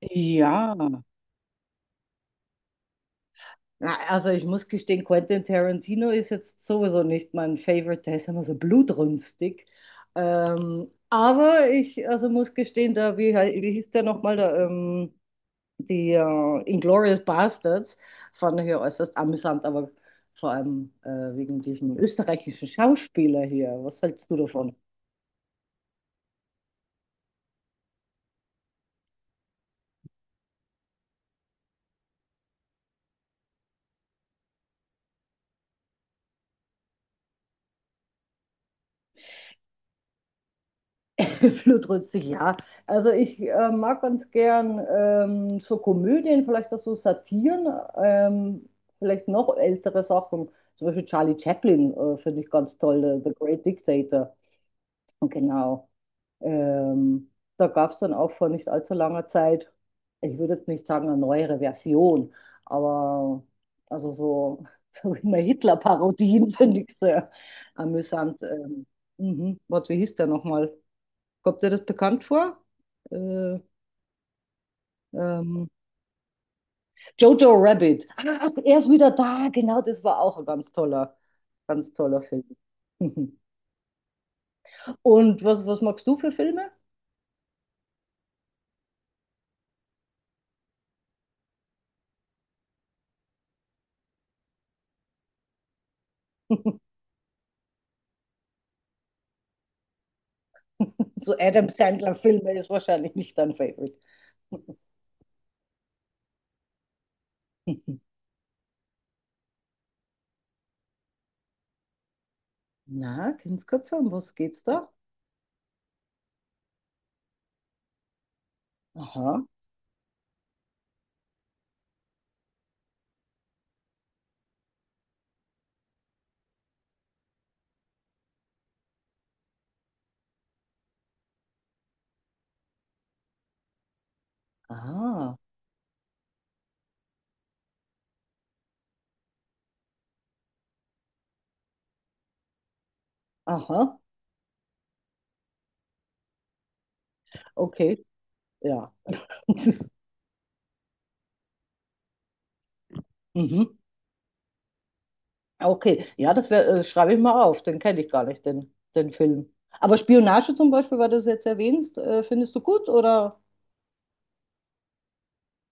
Ja, na, also ich muss gestehen, Quentin Tarantino ist jetzt sowieso nicht mein Favorite, der ist immer so blutrünstig. Aber ich also muss gestehen, da, wie, wie hieß der nochmal, da, die Inglourious Basterds, fand ich ja äußerst amüsant, aber vor allem wegen diesem österreichischen Schauspieler hier. Was hältst du davon? Blutrünstig, ja. Also ich mag ganz gern so Komödien, vielleicht auch so Satiren, ähm, vielleicht noch ältere Sachen. Zum Beispiel Charlie Chaplin finde ich ganz toll, The Great Dictator. Und genau. Ähm, Da gab es dann auch vor nicht allzu langer Zeit, ich würde jetzt nicht sagen eine neuere Version, aber also so, so immer Hitler-Parodien finde ich sehr amüsant. Mhm. Warte, wie hieß der nochmal? Kommt dir das bekannt vor? Äh, ähm, Jojo Rabbit. Ach, er ist wieder da. Genau, das war auch ein ganz toller Film. Und was, was magst du für Filme? So Adam Sandler-Filme ist wahrscheinlich nicht dein Favorite. Na, Kindsköpfe, um was geht's da? Aha, ah, aha, okay, ja. Mhm. Ah, okay, ja, das wär, schreibe ich mal auf, den kenne ich gar nicht, den, den Film. Aber Spionage zum Beispiel, weil du es jetzt erwähnst, findest du gut oder?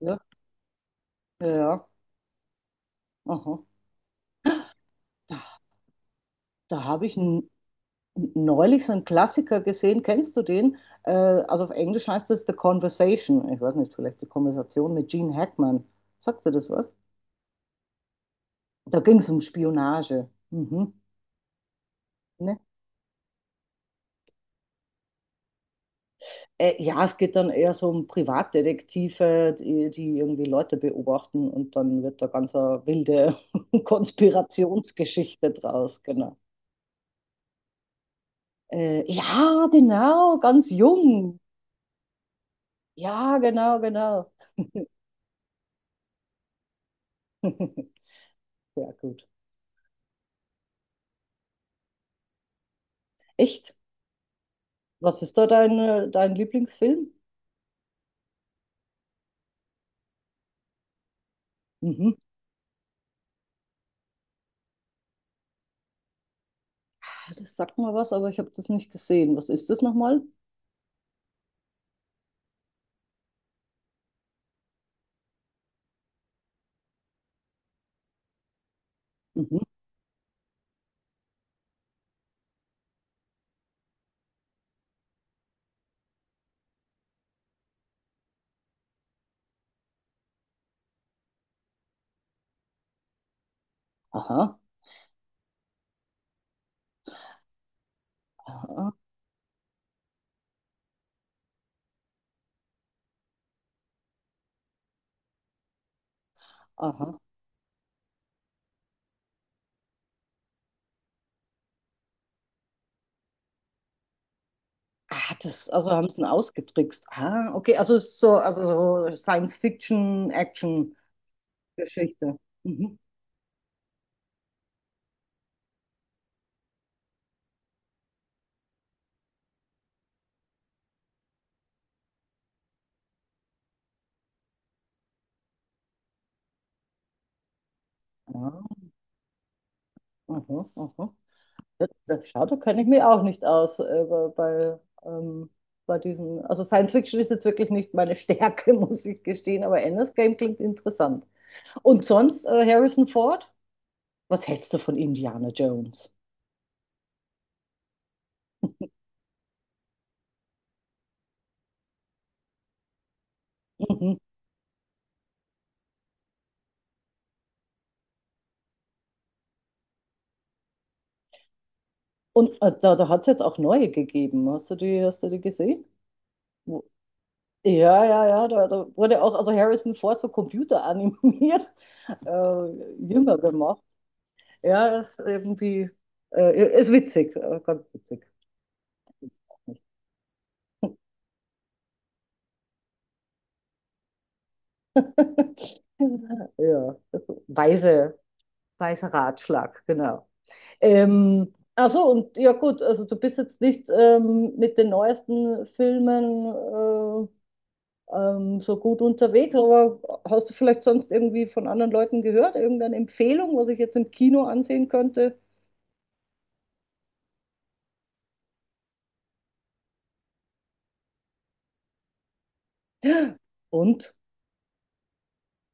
Ja, ja, ja. Aha. Da, habe ich neulich so einen Klassiker gesehen, kennst du den? Also auf Englisch heißt das The Conversation, ich weiß nicht, vielleicht die Konversation mit Gene Hackman. Sagt dir das was? Da ging es um Spionage. Mhm. Ne? Ja, es geht dann eher so um Privatdetektive, die, die irgendwie Leute beobachten und dann wird da ganz eine wilde Konspirationsgeschichte draus, genau. Ja, genau, ganz jung. Ja, genau, genau. Sehr gut. Echt? Was ist da dein, dein Lieblingsfilm? Mhm. Das sagt mir was, aber ich habe das nicht gesehen. Was ist das nochmal? Mhm. Aha, aha, aha. Ah, das, also haben sie ihn ausgetrickst. Ah, okay, also es ist so, also so Science-Fiction-Action-Geschichte. Mhm. Ah, aha, aha. Das, das, schau, da kenne ich mich auch nicht aus bei, bei, bei diesen. Also Science-Fiction ist jetzt wirklich nicht meine Stärke, muss ich gestehen, aber Ender's Game klingt interessant. Und sonst Harrison Ford? Was hältst du von Indiana Jones? Mhm. Und da, da hat es jetzt auch neue gegeben. Hast du die gesehen? Ja, ja, ja, da, da wurde auch also Harrison Ford so computeranimiert, äh, jünger gemacht. Ja, ist irgendwie, ist witzig, ganz witzig. Ja, weise, weiser Ratschlag, genau. Ach so, und ja gut, also du bist jetzt nicht mit den neuesten Filmen äh, so gut unterwegs, aber hast du vielleicht sonst irgendwie von anderen Leuten gehört, irgendeine Empfehlung, was ich jetzt im Kino ansehen könnte? Und?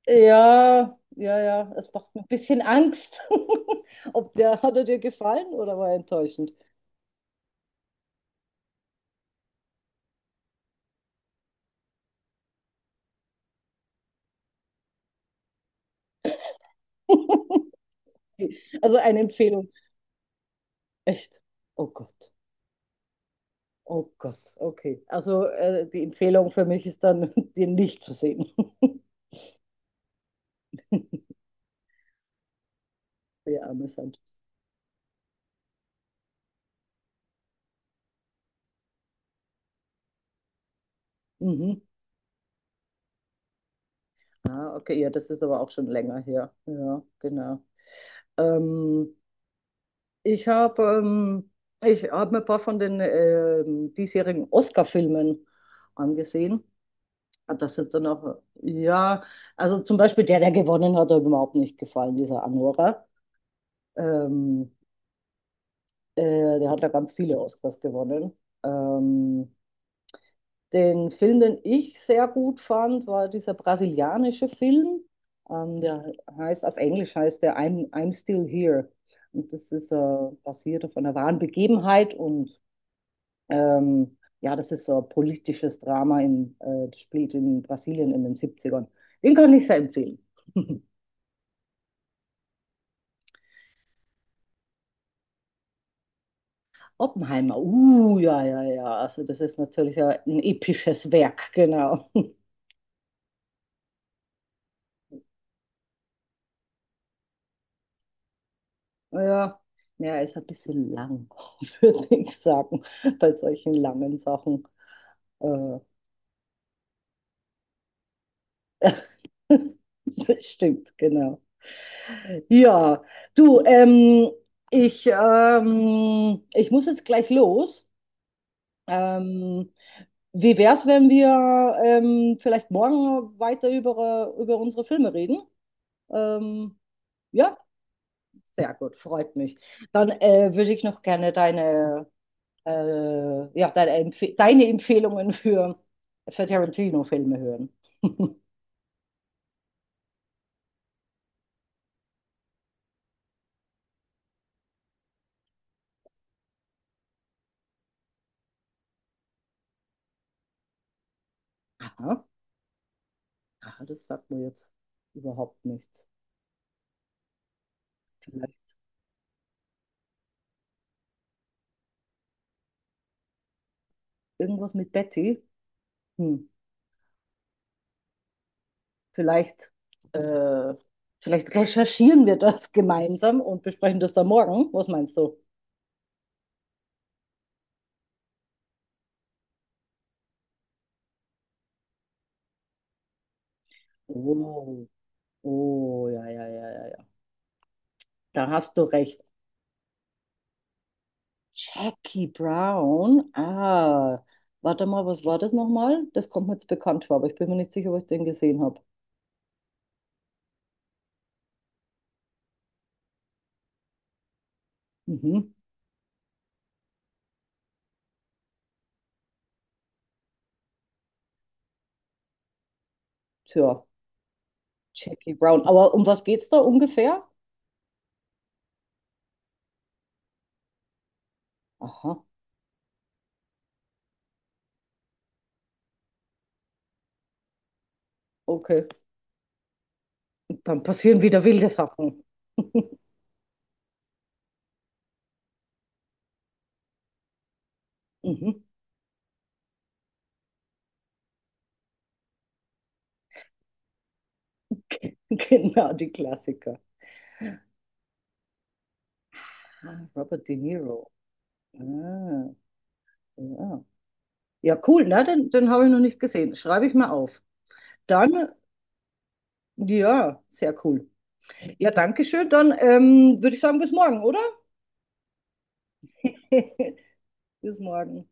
Ja, ja, ja, es macht mir ein bisschen Angst. Ob der, hat er dir gefallen oder war er enttäuschend? Also eine Empfehlung. Echt? Oh Gott, oh Gott, okay. Also die Empfehlung für mich ist dann, den nicht zu sehen. Sehr amüsant. Mhm. Ah, okay, ja, das ist aber auch schon länger her. Ja, genau. Ähm, ich habe ich hab mir ein paar von den diesjährigen Oscar-Filmen angesehen. Ah, das sind dann auch, ja, also zum Beispiel der, der gewonnen hat, hat mir überhaupt nicht gefallen, dieser Anora. Ähm, der hat ja ganz viele Oscars gewonnen. Ähm, den Film, den ich sehr gut fand, war dieser brasilianische Film. Der heißt, auf Englisch heißt der I'm Still Here. Und das ist basiert auf einer wahren Begebenheit und ähm, ja, das ist so ein politisches Drama in, das spielt in Brasilien in den Siebzigern. Den kann ich sehr empfehlen. Oppenheimer, ja, ja, ja. Also das ist natürlich ein episches Werk, genau. Ja, ja, ist ein bisschen lang, würde ich sagen, bei solchen langen Sachen. Äh, das stimmt, genau. Ja, du, ich, ich muss jetzt gleich los. Ähm, wie wär's, wenn wir vielleicht morgen weiter über, über unsere Filme reden? Ähm, ja. Sehr gut, freut mich. Dann würde ich noch gerne deine, ja, deine, Empfe deine Empfehlungen für Tarantino-Filme hören. Aha, aha, das sagt mir jetzt überhaupt nichts. Vielleicht irgendwas mit Betty? Hm, vielleicht, äh, vielleicht recherchieren wir das gemeinsam und besprechen das dann morgen. Was meinst du? Oh, oh, ja, ja, ja, ja, ja. Da hast du recht. Jackie Brown. Ah, warte mal, was war das nochmal? Das kommt mir jetzt bekannt vor, aber ich bin mir nicht sicher, ob ich den gesehen habe. Mhm. Tja, Jackie Brown. Aber um was geht's da ungefähr? Aha, okay. Und dann passieren wieder wilde Sachen. Mhm. Genau, die Klassiker. Ah, Robert De Niro. Ah, ja. Ja, cool, ne? Den, den habe ich noch nicht gesehen. Schreibe ich mal auf. Dann, ja, sehr cool. Ja, danke schön. Dann würde ich sagen, bis morgen, oder? Bis morgen.